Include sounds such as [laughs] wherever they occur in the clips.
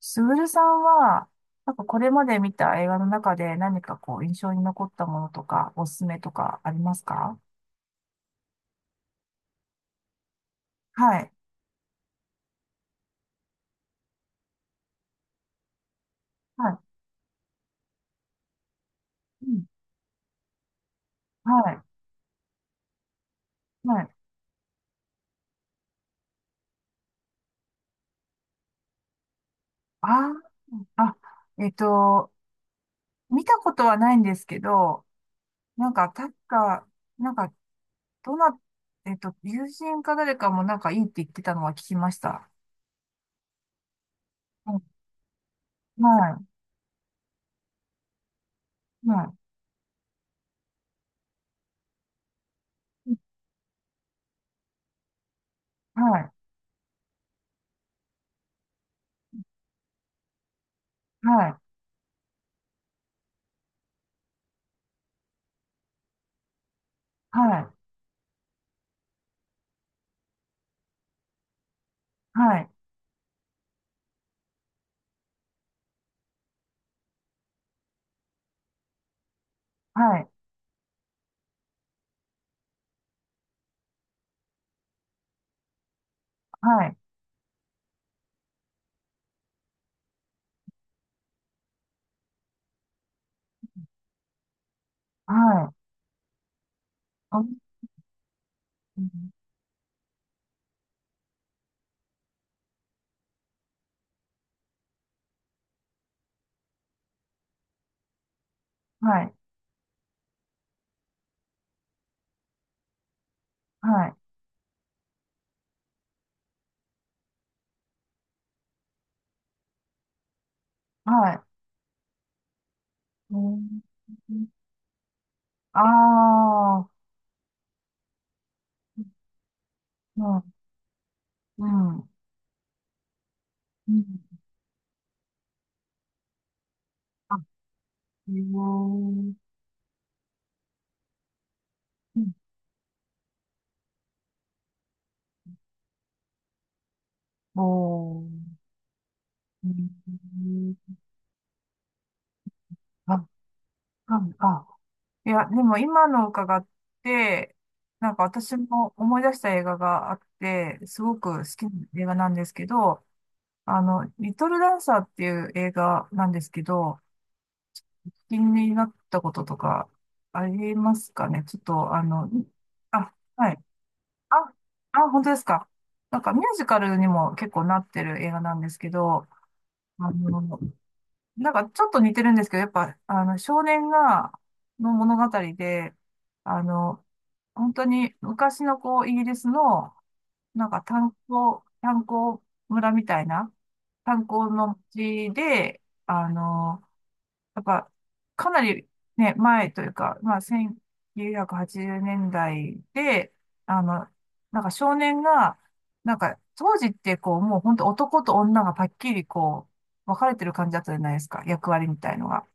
スグルさんはなんかこれまで見た映画の中で何かこう印象に残ったものとかおすすめとかありますか？はい。はい。はい。はい。あ。あ。あ。えっと見たことはないんですけど、なんか確か、なんか、どな友人か誰かもなんかいいって言ってたのが聞きました。はい。はい。はい。はい。はい。はい。はい。はい。はい。はい。はい。はい。うん。ああ。うん、うん、うん。あ、へえ、うん、おー、うん、あ、あ、あ、いや、でも今の伺って、なんか私も思い出した映画があって、すごく好きな映画なんですけど、リトルダンサーっていう映画なんですけど、気になったこととかありますかね、ちょっと、あ、はい。あ、あ、本当ですか。なんかミュージカルにも結構なってる映画なんですけど、あの、なんかちょっと似てるんですけど、やっぱ、少年が、の物語で、あの、本当に昔のこう、イギリスの、なんか炭鉱村みたいな、炭鉱の地で、なんか、かなりね、前というか、まあ、1980年代で、あの、なんか少年が、なんか、当時ってこう、もう本当男と女がパッキリこう、分かれてる感じだったじゃないですか、役割みたいのが。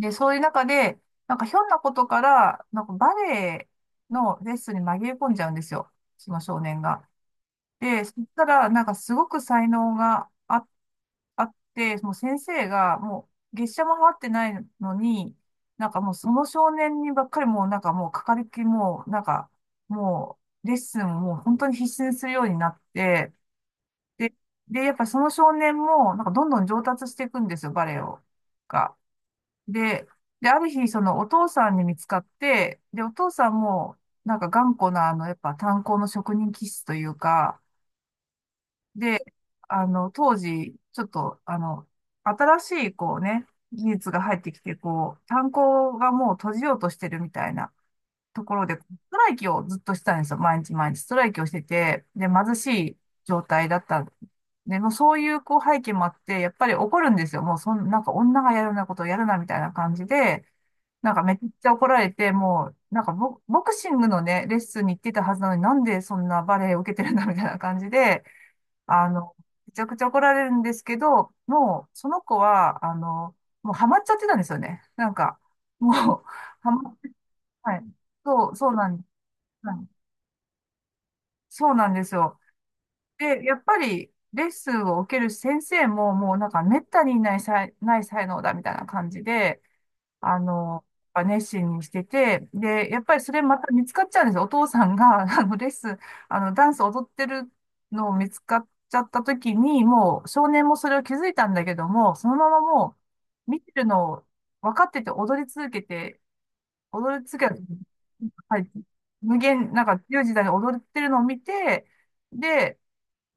で、そういう中で、なんかひょんなことから、なんかバレエのレッスンに紛れ込んじゃうんですよ、その少年が。で、そしたら、なんかすごく才能があって、もう先生が、もう月謝も払ってないのに、なんかもうその少年にばっかりもうなんかもうかかりっきりもうなんかもうレッスンをもう本当に必死にするようになって、で、で、やっぱその少年もなんかどんどん上達していくんですよ、バレエを。が。で、で、ある日そのお父さんに見つかって、で、お父さんもなんか頑固なあのやっぱ炭鉱の職人気質というか、で、当時、ちょっと、新しい、こうね、技術が入ってきて、こう、炭鉱がもう閉じようとしてるみたいなところで、ストライキをずっとしてたんですよ。毎日毎日ストライキをしてて、で、貧しい状態だったんで。で、もうそういう、こう、背景もあって、やっぱり怒るんですよ。もう、なんか女がやるようなことをやるな、みたいな感じで、なんかめっちゃ怒られて、もう、なんかボクシングのね、レッスンに行ってたはずなのに、なんでそんなバレエを受けてるんだ、みたいな感じで、あの、めちゃくちゃ怒られるんですけど、もう、その子は、もうハマっちゃってたんですよね。なんか、もう、ハマって、はい。そうなんです。はい。そうなんですよ。で、やっぱり、レッスンを受ける先生も、もうなんか、めったにいない才能だ、みたいな感じで、あの、熱心にしてて、で、やっぱりそれまた見つかっちゃうんですよ。お父さんが、[laughs] レッスン、ダンス踊ってるのを見つかっちゃった時に、もう少年もそれを気づいたんだけども、そのままもう、見てるのを分かってて踊り続けた、はい、無限、なんか強い時代に踊ってるのを見て、で、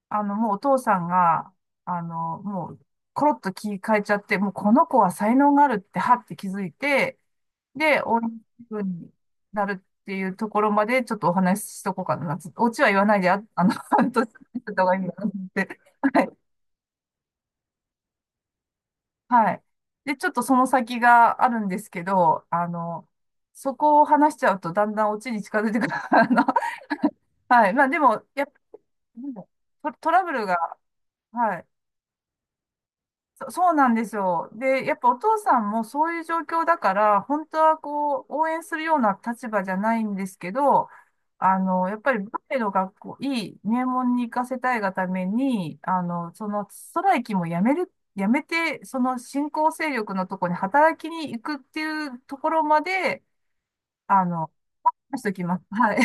もうお父さんが、もう、コロッと気変えちゃって、もうこの子は才能があるって、はって気づいて、で、応援するようになるっていうところまでちょっとお話ししとこうかな。オチは言わないで、あ、[laughs] [laughs] 半年した方がいいなと思って。はい。はい。で、ちょっとその先があるんですけど、そこを話しちゃうとだんだんオチに近づいてくる。[laughs] はい。まあでも、やっぱ、なんだろう、トラブルが、はい。そうなんですよ。で、やっぱお父さんもそういう状況だから、本当はこう、応援するような立場じゃないんですけど、やっぱりバレエの学校、いい名門に行かせたいがために、そのストライキもやめて、その新興勢力のところに働きに行くっていうところまで、あの、しときます。はい。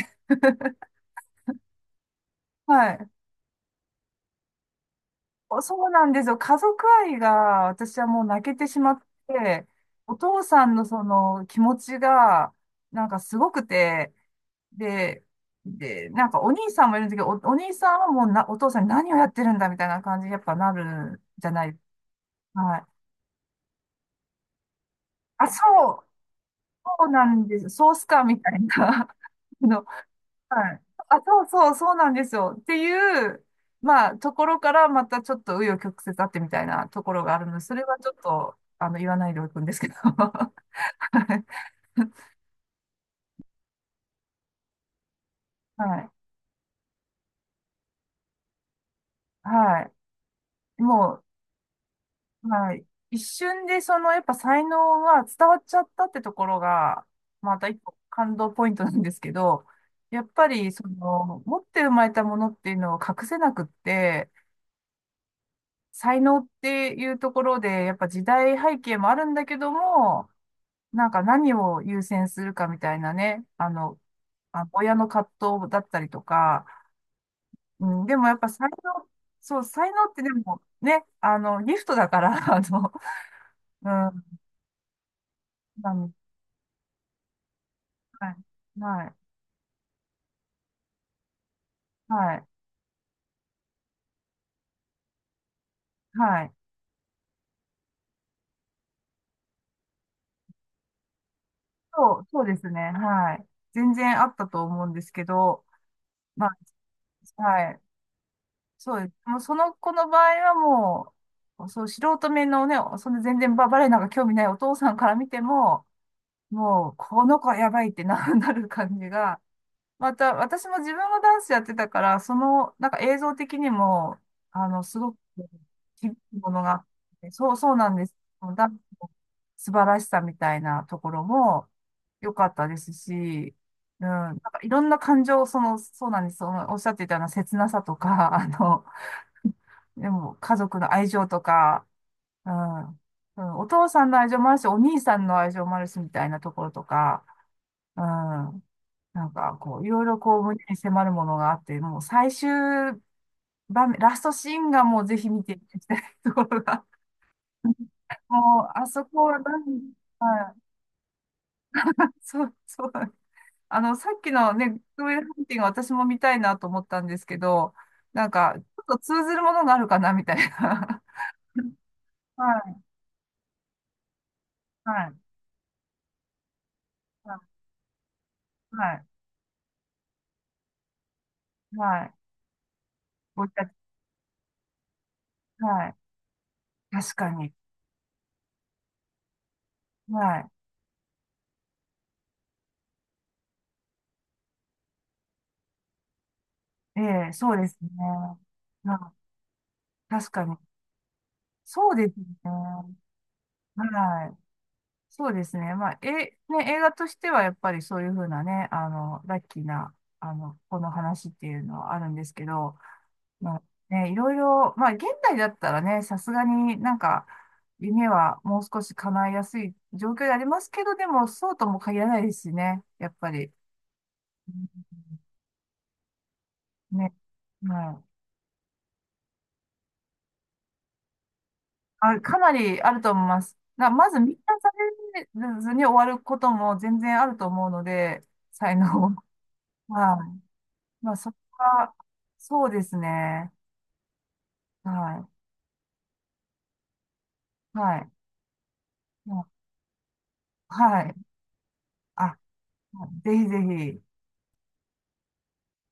[laughs] はい。そうなんですよ。家族愛が私はもう泣けてしまって、お父さんのその気持ちがなんかすごくて、で、で、なんかお兄さんもいるんですけど、お兄さんはもうお父さんに何をやってるんだみたいな感じにやっぱなるじゃない。はい。あ、う、そうなんです。ソースかみたいな、 [laughs] あの、はい。あ、そうなんですよ。っていう、まあ、ところからまたちょっと紆余曲折あってみたいなところがあるので、それはちょっと、言わないでおくんですけど。[laughs] はい。はい。もう、はい。一瞬で、その、やっぱ才能が伝わっちゃったってところが、また一個感動ポイントなんですけど、やっぱり、その、持って生まれたものっていうのを隠せなくって、才能っていうところで、やっぱ時代背景もあるんだけども、なんか何を優先するかみたいなね、あ、親の葛藤だったりとか、うん、でもやっぱ才能、そう、才能ってでもね、ギフトだから、[laughs] うん、なんはい、はい、はい、はい。そう、そうですね、はい。全然あったと思うんですけど、まあ、はい、そうです。もうその子の場合はもう、そう、素人目のね、その全然バレエなんか興味ないお父さんから見ても、もう、この子はやばいって[laughs] なる感じが、また、私も自分のダンスやってたから、その、なんか映像的にも、すごく、響くものがあって、そうなんです。ダンスの素晴らしさみたいなところも良かったですし、うん、なんかいろんな感情、その、そうなんです。その、おっしゃっていたような切なさとか、[laughs] でも、家族の愛情とか、うん、うん、お父さんの愛情もあるし、お兄さんの愛情もあるし、みたいなところとか、うん。なんか、こう、いろいろこう、胸に迫るものがあって、もう最終場面、ラストシーンがもうぜひ見ていただきたいところが、[laughs] もう、あそこは何、はい、そうなんです、さっきのね、グッドウィルハンティング私も見たいなと思ったんですけど、なんか、ちょっと通ずるものがあるかな、みたいな。[laughs] はい、はい、はい、はい、はい、ご自宅、はい、確かに、はい、ええ、そうですね。はい。確かに、そうですね。はい。そうですね。まあ、え、ね、映画としてはやっぱりそういうふうなね、ラッキーな、この話っていうのはあるんですけど、まあ、ね、いろいろ、まあ、現代だったらね、さすがになんか、夢はもう少し叶いやすい状況でありますけど、でも、そうとも限らないですしね、やっぱり。ね。はい。あ、かなりあると思います。まず、満たされずに終わることも全然あると思うので、才能。[laughs] はい。まあ、そこが、そうですね。はい。はい。まあ、はい。あ、ぜひぜひ。